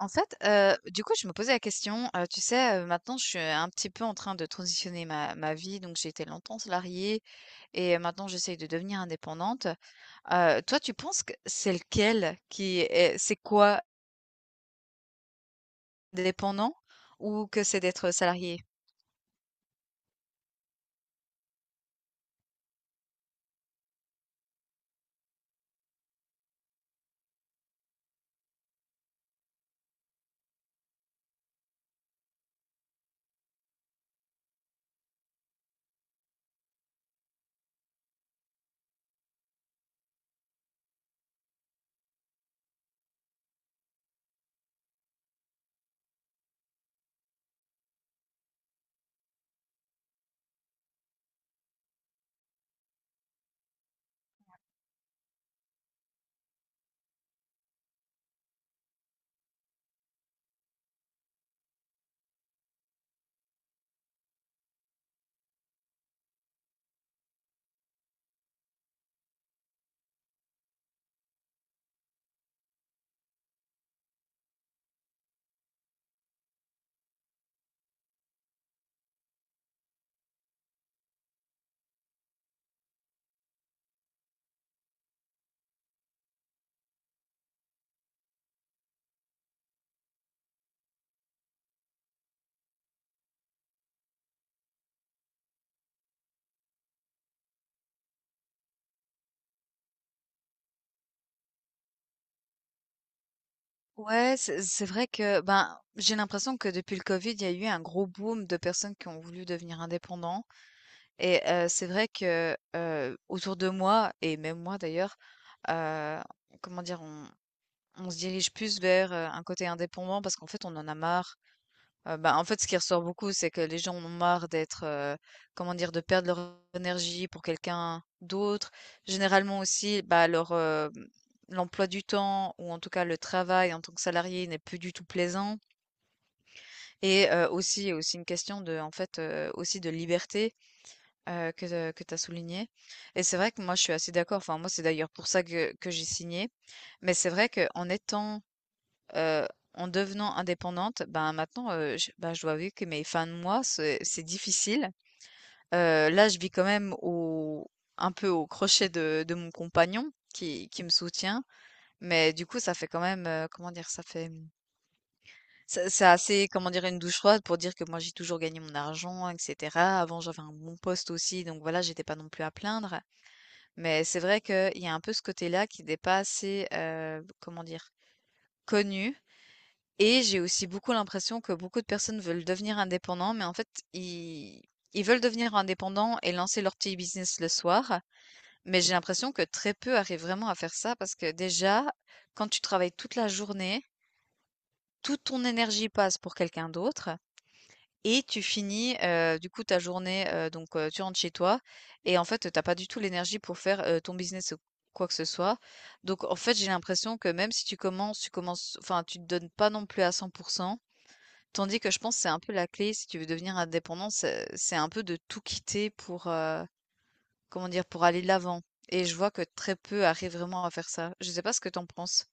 En fait, du coup, je me posais la question, tu sais, maintenant je suis un petit peu en train de transitionner ma vie, donc j'ai été longtemps salariée et maintenant j'essaye de devenir indépendante. Toi, tu penses que c'est lequel qui est c'est quoi? Dépendant, ou que c'est d'être salarié? Ouais, c'est vrai que, ben, j'ai l'impression que depuis le covid, il y a eu un gros boom de personnes qui ont voulu devenir indépendants, et c'est vrai que, autour de moi et même moi d'ailleurs, heu, comment dire? On se dirige plus vers un côté indépendant parce qu'en fait, on en a marre. Bah, en fait, ce qui ressort beaucoup, c'est que les gens ont marre d'être, comment dire, de perdre leur énergie pour quelqu'un d'autre. Généralement aussi, bah, l'emploi du temps ou en tout cas le travail en tant que salarié n'est plus du tout plaisant, et aussi il y a aussi une question, de en fait, aussi de liberté, heu, que que tu as souligné, et c'est vrai que moi, je suis assez d'accord. Enfin, moi, c'est d'ailleurs pour ça que j'ai signé. Mais c'est vrai qu'en étant, Heu, en devenant indépendante, ben, maintenant, je ben, je dois avouer que mes fins de mois, c'est difficile. Là, je vis quand même au un peu au crochet de mon compagnon qui me soutient, mais du coup, ça fait quand même, comment dire? Ça fait, c'est assez, comment dire, une douche froide, pour dire que moi, j'ai toujours gagné mon argent et cetera. Avant, j'avais un bon poste aussi, donc voilà, j'étais pas non plus à plaindre, mais c'est vrai qu'il y a un peu ce côté-là qui n'est pas assez, comment dire, connu. Et j'ai aussi beaucoup l'impression que beaucoup de personnes veulent devenir indépendants, mais en fait, ils ils veulent devenir indépendants et lancer leur petit business le soir. Mais j'ai l'impression que très peu arrivent vraiment à faire ça, parce que déjà, quand tu travailles toute la journée, toute ton énergie passe pour quelqu'un d'autre, et tu finis du coup ta journée, donc tu rentres chez toi, et en fait, t'as pas du tout l'énergie pour faire ton business ou quoi que ce soit. Donc en fait, j'ai l'impression que même si tu commences, enfin, tu te donnes pas non plus à 100%. Tandis que je pense que c'est un peu la clé, si tu veux devenir indépendant, c'est un peu de tout quitter pour, comment dire, pour aller de l'avant. Et je vois que très peu arrivent vraiment à faire ça. Je sais pas ce que t'en penses.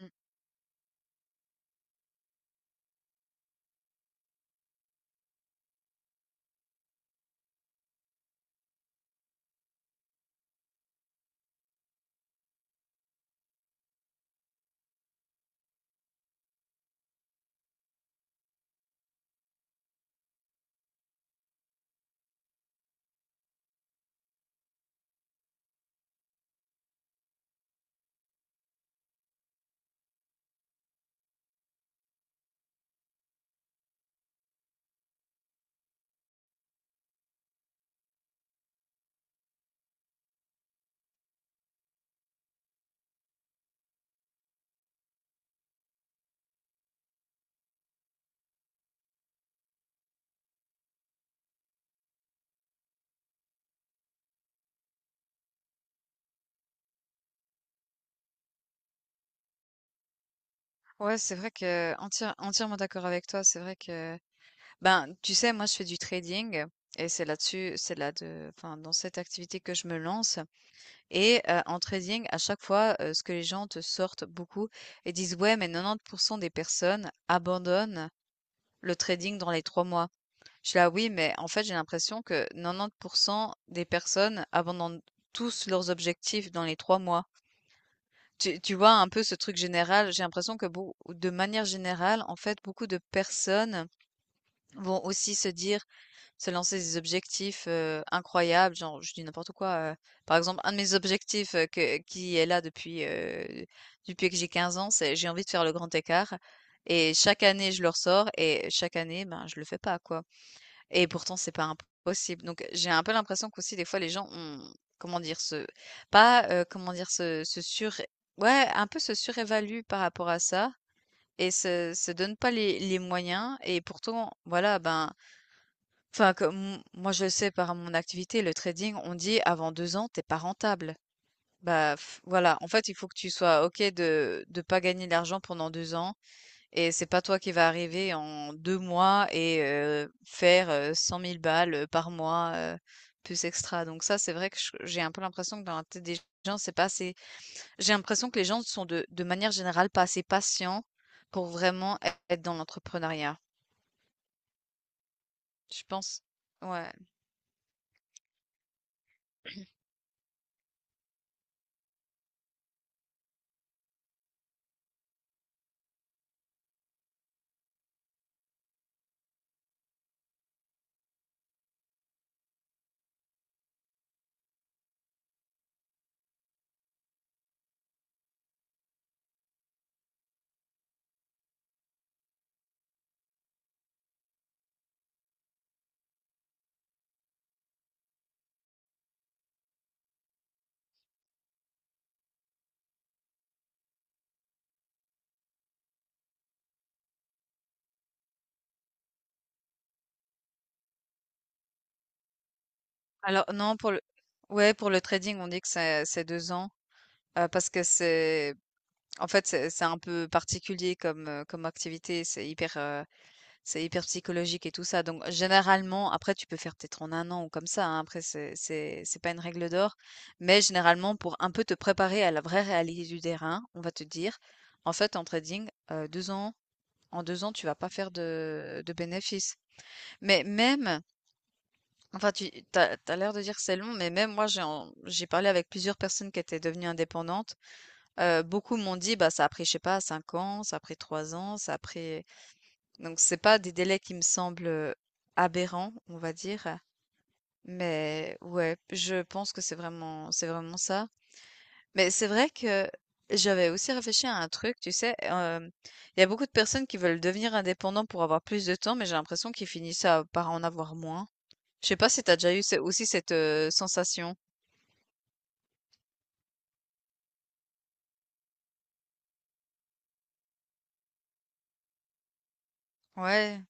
Mm. Ouais, c'est vrai que entièrement d'accord avec toi. C'est vrai que, ben, tu sais, moi je fais du trading, et c'est là-dessus, c'est là, de, enfin dans cette activité, que je me lance. Et en trading, à chaque fois, ce que les gens te sortent beaucoup et disent: ouais, mais 90% des personnes abandonnent le trading dans les 3 mois. Je suis là: oui, mais en fait, j'ai l'impression que 90% des personnes abandonnent tous leurs objectifs dans les 3 mois. Tu vois un peu ce truc général, j'ai l'impression que, de manière générale, en fait, beaucoup de personnes vont aussi se dire, se lancer des objectifs incroyables, genre, je dis n'importe quoi. Par exemple, un de mes objectifs, qui est là depuis, depuis que j'ai 15 ans, c'est j'ai envie de faire le grand écart. Et chaque année, je le ressors, et chaque année, ben, je le fais pas, quoi. Et pourtant, c'est pas impossible. Donc, j'ai un peu l'impression qu'aussi des fois les gens ont, comment dire, ce pas, comment dire, ce ce sur ouais, un peu se surévaluent par rapport à ça, et se donnent pas les moyens, et pourtant voilà, ben, enfin comme moi je le sais par mon activité, le trading, on dit: «Avant 2 ans, t'es pas rentable». Bah, voilà, en fait, il faut que tu sois OK de pas gagner d'argent pendant 2 ans, et c'est pas toi qui vas arriver en 2 mois et faire 100 000 balles par mois, plus extra. Donc ça, c'est vrai que je j'ai un peu l'impression que dans la tête des gens, c'est pas assez, j'ai l'impression que les gens sont, de manière générale, pas assez patients pour vraiment ê être dans l'entrepreneuriat. Je pense. Ouais. Alors non, pour le, ouais, pour le trading, on dit que c'est 2 ans, parce que c'est, en fait, c'est un peu particulier comme, comme activité. C'est hyper psychologique et tout ça. Donc, généralement, après, tu peux faire peut-être en un an ou comme ça, hein. Après, c'est pas une règle d'or. Mais généralement, pour un peu te préparer à la vraie réalité du terrain, on va te dire, en fait, en trading, en 2 ans, tu vas pas faire de bénéfices. Mais même, enfin, t'as l'air de dire que c'est long, mais même moi, j'ai parlé avec plusieurs personnes qui étaient devenues indépendantes. Beaucoup m'ont dit, bah, ça a pris, je sais pas, 5 ans, ça a pris 3 ans, ça a pris. Donc c'est pas des délais qui me semblent aberrants, on va dire, mais ouais, je pense que c'est vraiment ça. Mais c'est vrai que j'avais aussi réfléchi à un truc, tu sais, il y a beaucoup de personnes qui veulent devenir indépendants pour avoir plus de temps, mais j'ai l'impression qu'ils finissent par en avoir moins. Je sais pas si t'as déjà eu ce aussi cette sensation? Ouais.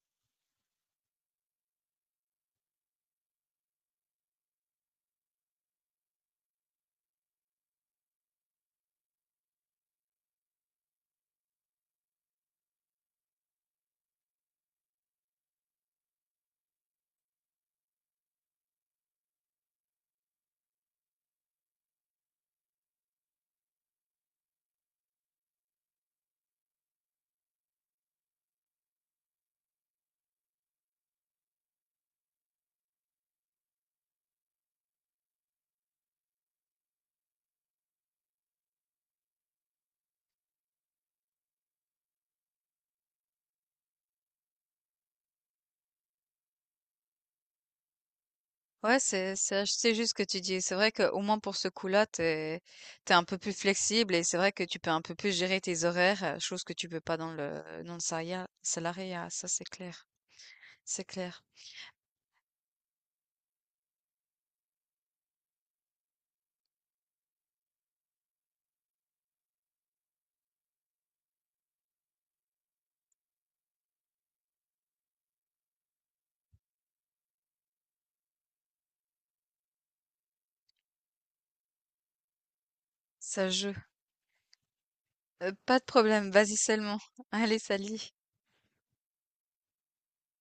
Ouais, c'est juste ce que tu dis. C'est vrai qu'au moins pour ce coup-là, t'es un peu plus flexible, et c'est vrai que tu peux un peu plus gérer tes horaires, chose que tu peux pas dans le salariat, ça c'est clair. C'est clair. Ça joue. Pas de problème, vas-y seulement. Allez, salut.